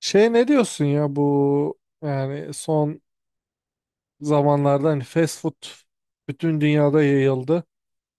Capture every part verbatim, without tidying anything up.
Şey ne diyorsun ya bu yani son zamanlarda hani fast food bütün dünyada yayıldı.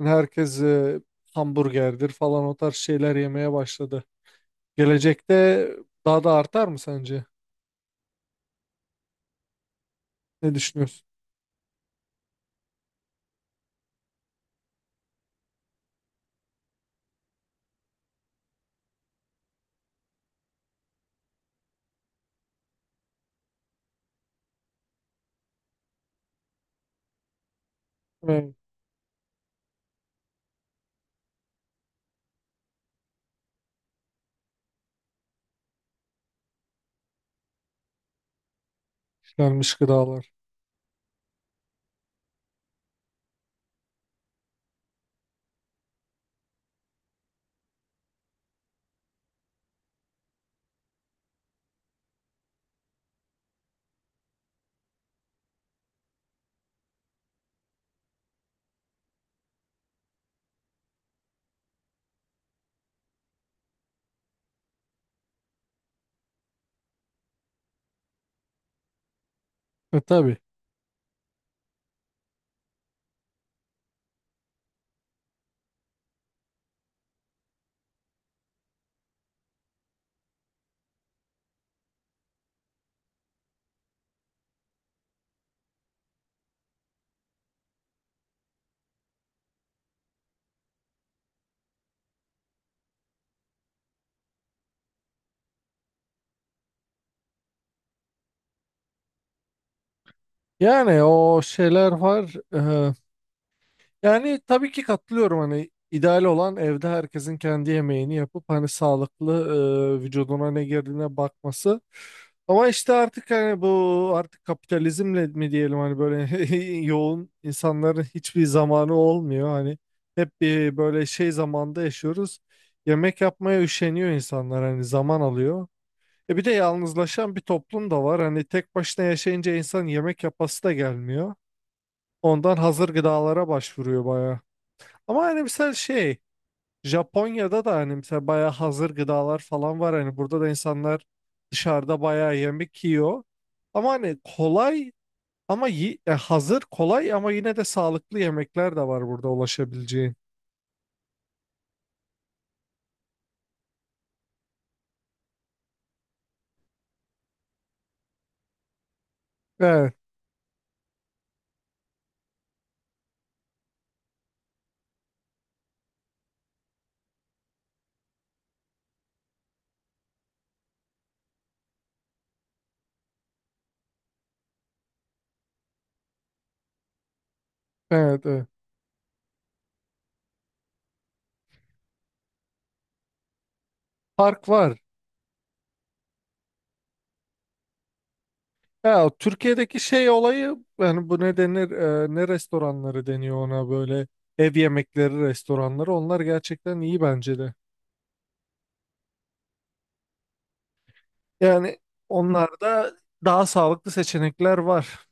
Yani herkes e, hamburgerdir falan o tarz şeyler yemeye başladı. Gelecekte daha da artar mı sence? Ne düşünüyorsun? Evet. işlenmiş gıdalar. E tabii. Yani o şeyler var. e, Yani tabii ki katılıyorum hani ideal olan evde herkesin kendi yemeğini yapıp hani sağlıklı e, vücuduna ne girdiğine bakması. Ama işte artık hani bu artık kapitalizmle mi diyelim hani böyle yoğun insanların hiçbir zamanı olmuyor. Hani hep bir böyle şey zamanda yaşıyoruz. Yemek yapmaya üşeniyor insanlar hani zaman alıyor. E bir de yalnızlaşan bir toplum da var. Hani tek başına yaşayınca insan yemek yapası da gelmiyor. Ondan hazır gıdalara başvuruyor bayağı. Ama hani mesela şey Japonya'da da hani mesela bayağı hazır gıdalar falan var. Hani burada da insanlar dışarıda bayağı yemek yiyor. Ama hani kolay ama yi- e, hazır kolay ama yine de sağlıklı yemekler de var burada ulaşabileceğin. Evet, evet, evet. Fark var. Ya Türkiye'deki şey olayı yani bu ne denir e, ne restoranları deniyor ona böyle ev yemekleri restoranları onlar gerçekten iyi bence de. Yani onlarda daha sağlıklı seçenekler var.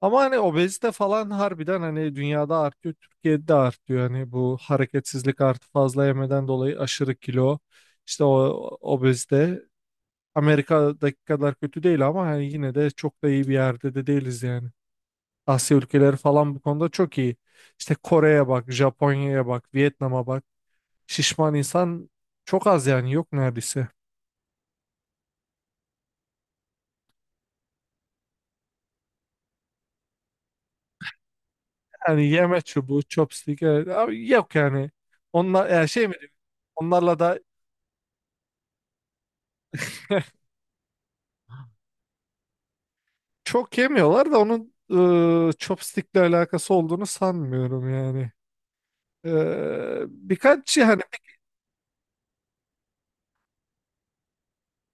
Ama hani obezite falan harbiden hani dünyada artıyor, Türkiye'de de artıyor. Hani bu hareketsizlik artı fazla yemeden dolayı aşırı kilo, işte o obezite Amerika'daki kadar kötü değil ama hani yine de çok da iyi bir yerde de değiliz yani. Asya ülkeleri falan bu konuda çok iyi. İşte Kore'ye bak, Japonya'ya bak, Vietnam'a bak. Şişman insan çok az yani yok neredeyse. Yani yeme çubuğu, chopstick evet. Abi yok yani. Onlar yani şey mi diyeyim, onlarla da. Çok yemiyorlar da onun e, chopstick'le alakası olduğunu sanmıyorum yani. E, birkaç şey hani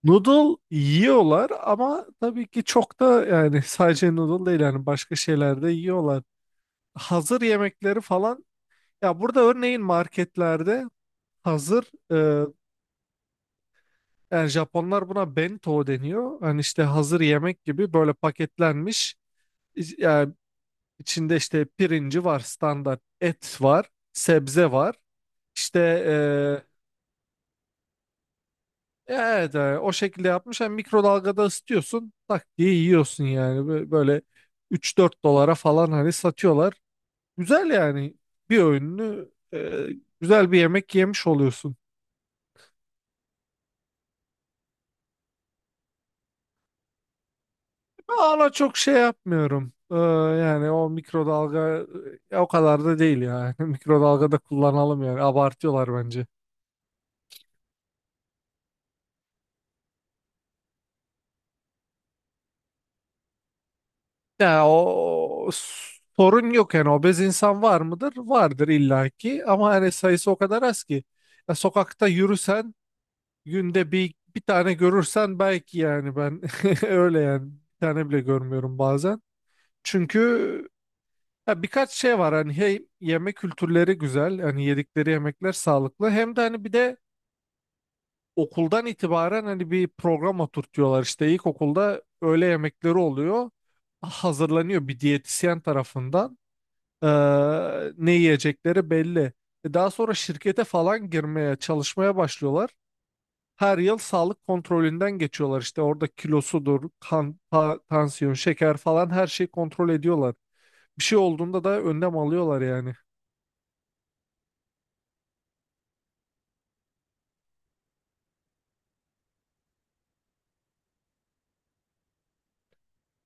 noodle yiyorlar ama tabii ki çok da yani sadece noodle değil yani başka şeyler de yiyorlar. Hazır yemekleri falan ya burada örneğin marketlerde hazır e, yani Japonlar buna bento deniyor. Hani işte hazır yemek gibi böyle paketlenmiş iç- yani içinde işte pirinci var standart et var sebze var. İşte e, evet yani o şekilde yapmış. Hem mikrodalgada ısıtıyorsun tak diye yiyorsun yani. Bö- Böyle üç dört dolara falan hani satıyorlar. Güzel yani bir öğününü e, güzel bir yemek yemiş oluyorsun. Ana çok şey yapmıyorum. Ee, yani o mikrodalga e, o kadar da değil yani. Mikrodalgada kullanalım yani abartıyorlar bence. Ya o sorun yok yani obez insan var mıdır? Vardır illaki ama hani sayısı o kadar az ki. Ya sokakta yürüsen günde bir bir tane görürsen belki yani ben öyle yani bir tane bile görmüyorum bazen. Çünkü ya birkaç şey var hani hey yemek kültürleri güzel hani yedikleri yemekler sağlıklı hem de hani bir de okuldan itibaren hani bir program oturtuyorlar işte ilkokulda öğle yemekleri oluyor hazırlanıyor bir diyetisyen tarafından. Ee, ne yiyecekleri belli. E, Daha sonra şirkete falan girmeye, çalışmaya başlıyorlar. Her yıl sağlık kontrolünden geçiyorlar. İşte orada kilosudur, kan, ta- tansiyon, şeker falan her şeyi kontrol ediyorlar. Bir şey olduğunda da önlem alıyorlar yani.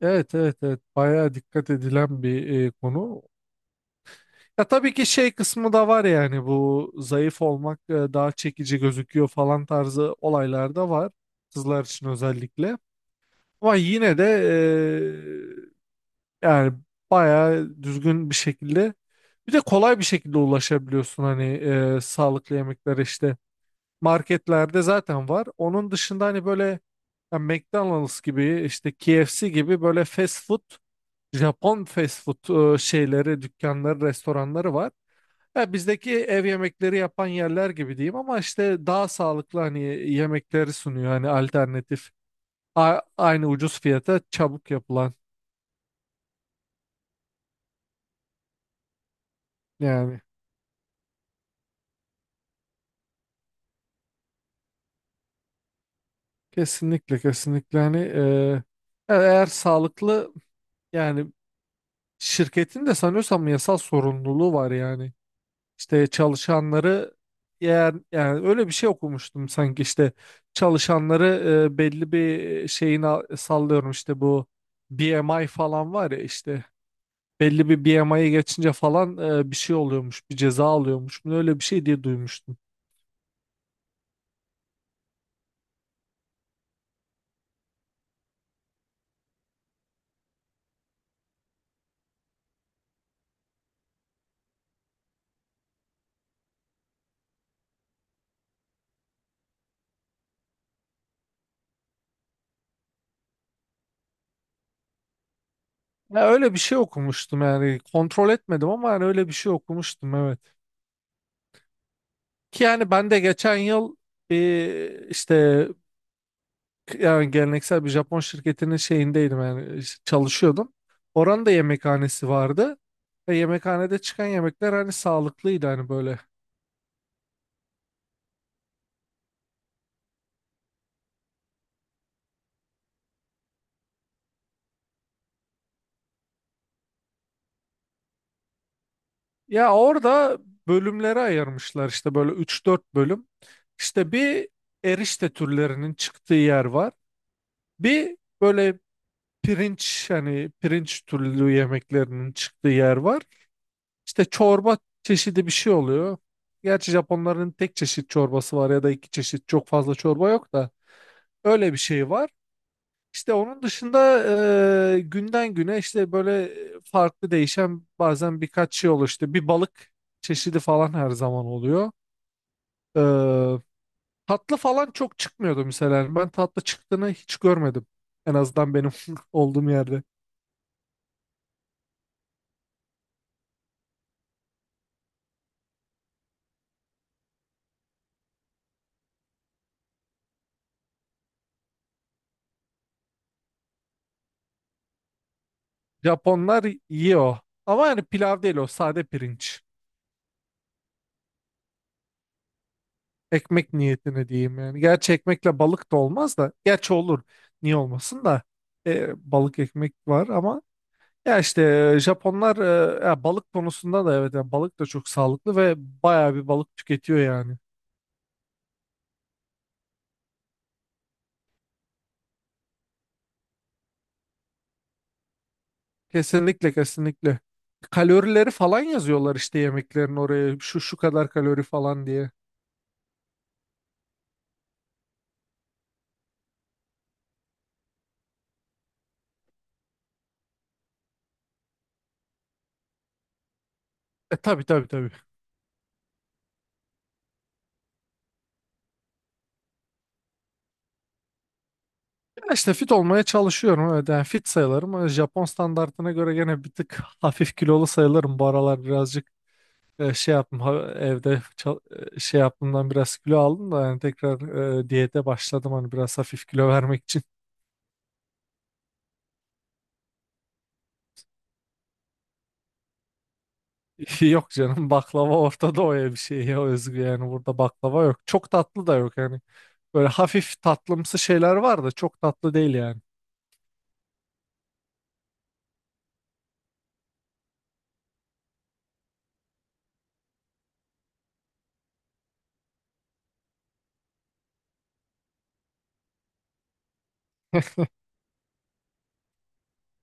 Evet, evet, evet, bayağı dikkat edilen bir e, konu. Ya tabii ki şey kısmı da var yani bu zayıf olmak e, daha çekici gözüküyor falan tarzı olaylar da var. Kızlar için özellikle. Ama yine de yani bayağı düzgün bir şekilde bir de kolay bir şekilde ulaşabiliyorsun hani e, sağlıklı yemeklere işte marketlerde zaten var. Onun dışında hani böyle ya McDonald's gibi işte K F C gibi böyle fast food Japon fast food e, şeyleri dükkanları restoranları var. Ya bizdeki ev yemekleri yapan yerler gibi diyeyim ama işte daha sağlıklı hani yemekleri sunuyor hani alternatif A- aynı ucuz fiyata çabuk yapılan yani. Kesinlikle, kesinlikle hani e- eğer sağlıklı yani şirketin de sanıyorsam yasal sorumluluğu var yani işte çalışanları eğer yani öyle bir şey okumuştum sanki işte çalışanları e, belli bir şeyin sallıyorum işte bu B M I falan var ya işte belli bir B M I'ye geçince falan e, bir şey oluyormuş, bir ceza alıyormuş. mu, Öyle bir şey diye duymuştum. Ya öyle bir şey okumuştum yani kontrol etmedim ama yani öyle bir şey okumuştum evet. Ki yani ben de geçen yıl bir işte yani geleneksel bir Japon şirketinin şeyindeydim yani ş- çalışıyordum. Oranın da yemekhanesi vardı. Ve yemekhanede çıkan yemekler hani sağlıklıydı hani böyle. Ya orada bölümlere ayırmışlar işte böyle üç dört bölüm. İşte bir erişte türlerinin çıktığı yer var. Bir böyle pirinç hani pirinç türlü yemeklerinin çıktığı yer var. İşte çorba çeşidi bir şey oluyor. Gerçi Japonların tek çeşit çorbası var ya da iki çeşit, çok fazla çorba yok da. Öyle bir şey var. İşte onun dışında e, günden güne işte böyle farklı değişen bazen birkaç şey oluyor. İşte bir balık çeşidi falan her zaman oluyor. E, tatlı falan çok çıkmıyordu mesela. Yani ben tatlı çıktığını hiç görmedim. En azından benim olduğum yerde. Japonlar yiyor. Ama yani pilav değil, o sade pirinç. Ekmek niyetine diyeyim yani. Gerçi ekmekle balık da olmaz da. Gerçi olur. Niye olmasın da. E, balık ekmek var ama. Ya işte e, Japonlar e, ya balık konusunda da evet yani balık da çok sağlıklı ve bayağı bir balık tüketiyor yani. Kesinlikle, kesinlikle. Kalorileri falan yazıyorlar işte yemeklerin oraya şu şu kadar kalori falan diye. E tabii, tabii, tabii. Ya işte fit olmaya çalışıyorum evet yani fit sayılırım. Ama Japon standartına göre gene bir tık hafif kilolu sayılırım. Bu aralar birazcık e, şey yaptım ha- evde çal- e, şey yaptığımdan biraz kilo aldım da yani tekrar e, diyete başladım hani biraz hafif kilo vermek için. Yok canım, baklava Orta Doğu'ya bir şey ya, özgü yani, burada baklava yok. Çok tatlı da yok yani. Böyle hafif tatlımsı şeyler var da çok tatlı değil yani.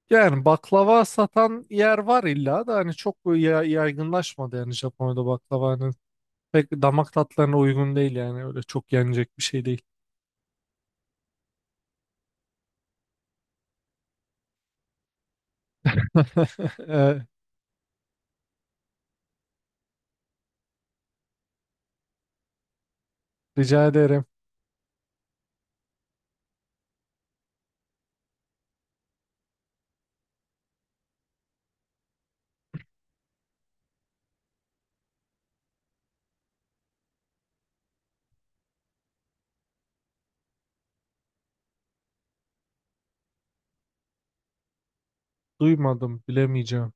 Yani baklava satan yer var illa da hani çok böyle ya- yaygınlaşmadı yani, Japonya'da baklava hani pek damak tatlarına uygun değil yani, öyle çok yenecek bir şey değil. Ee, Rica ederim. Duymadım, bilemeyeceğim.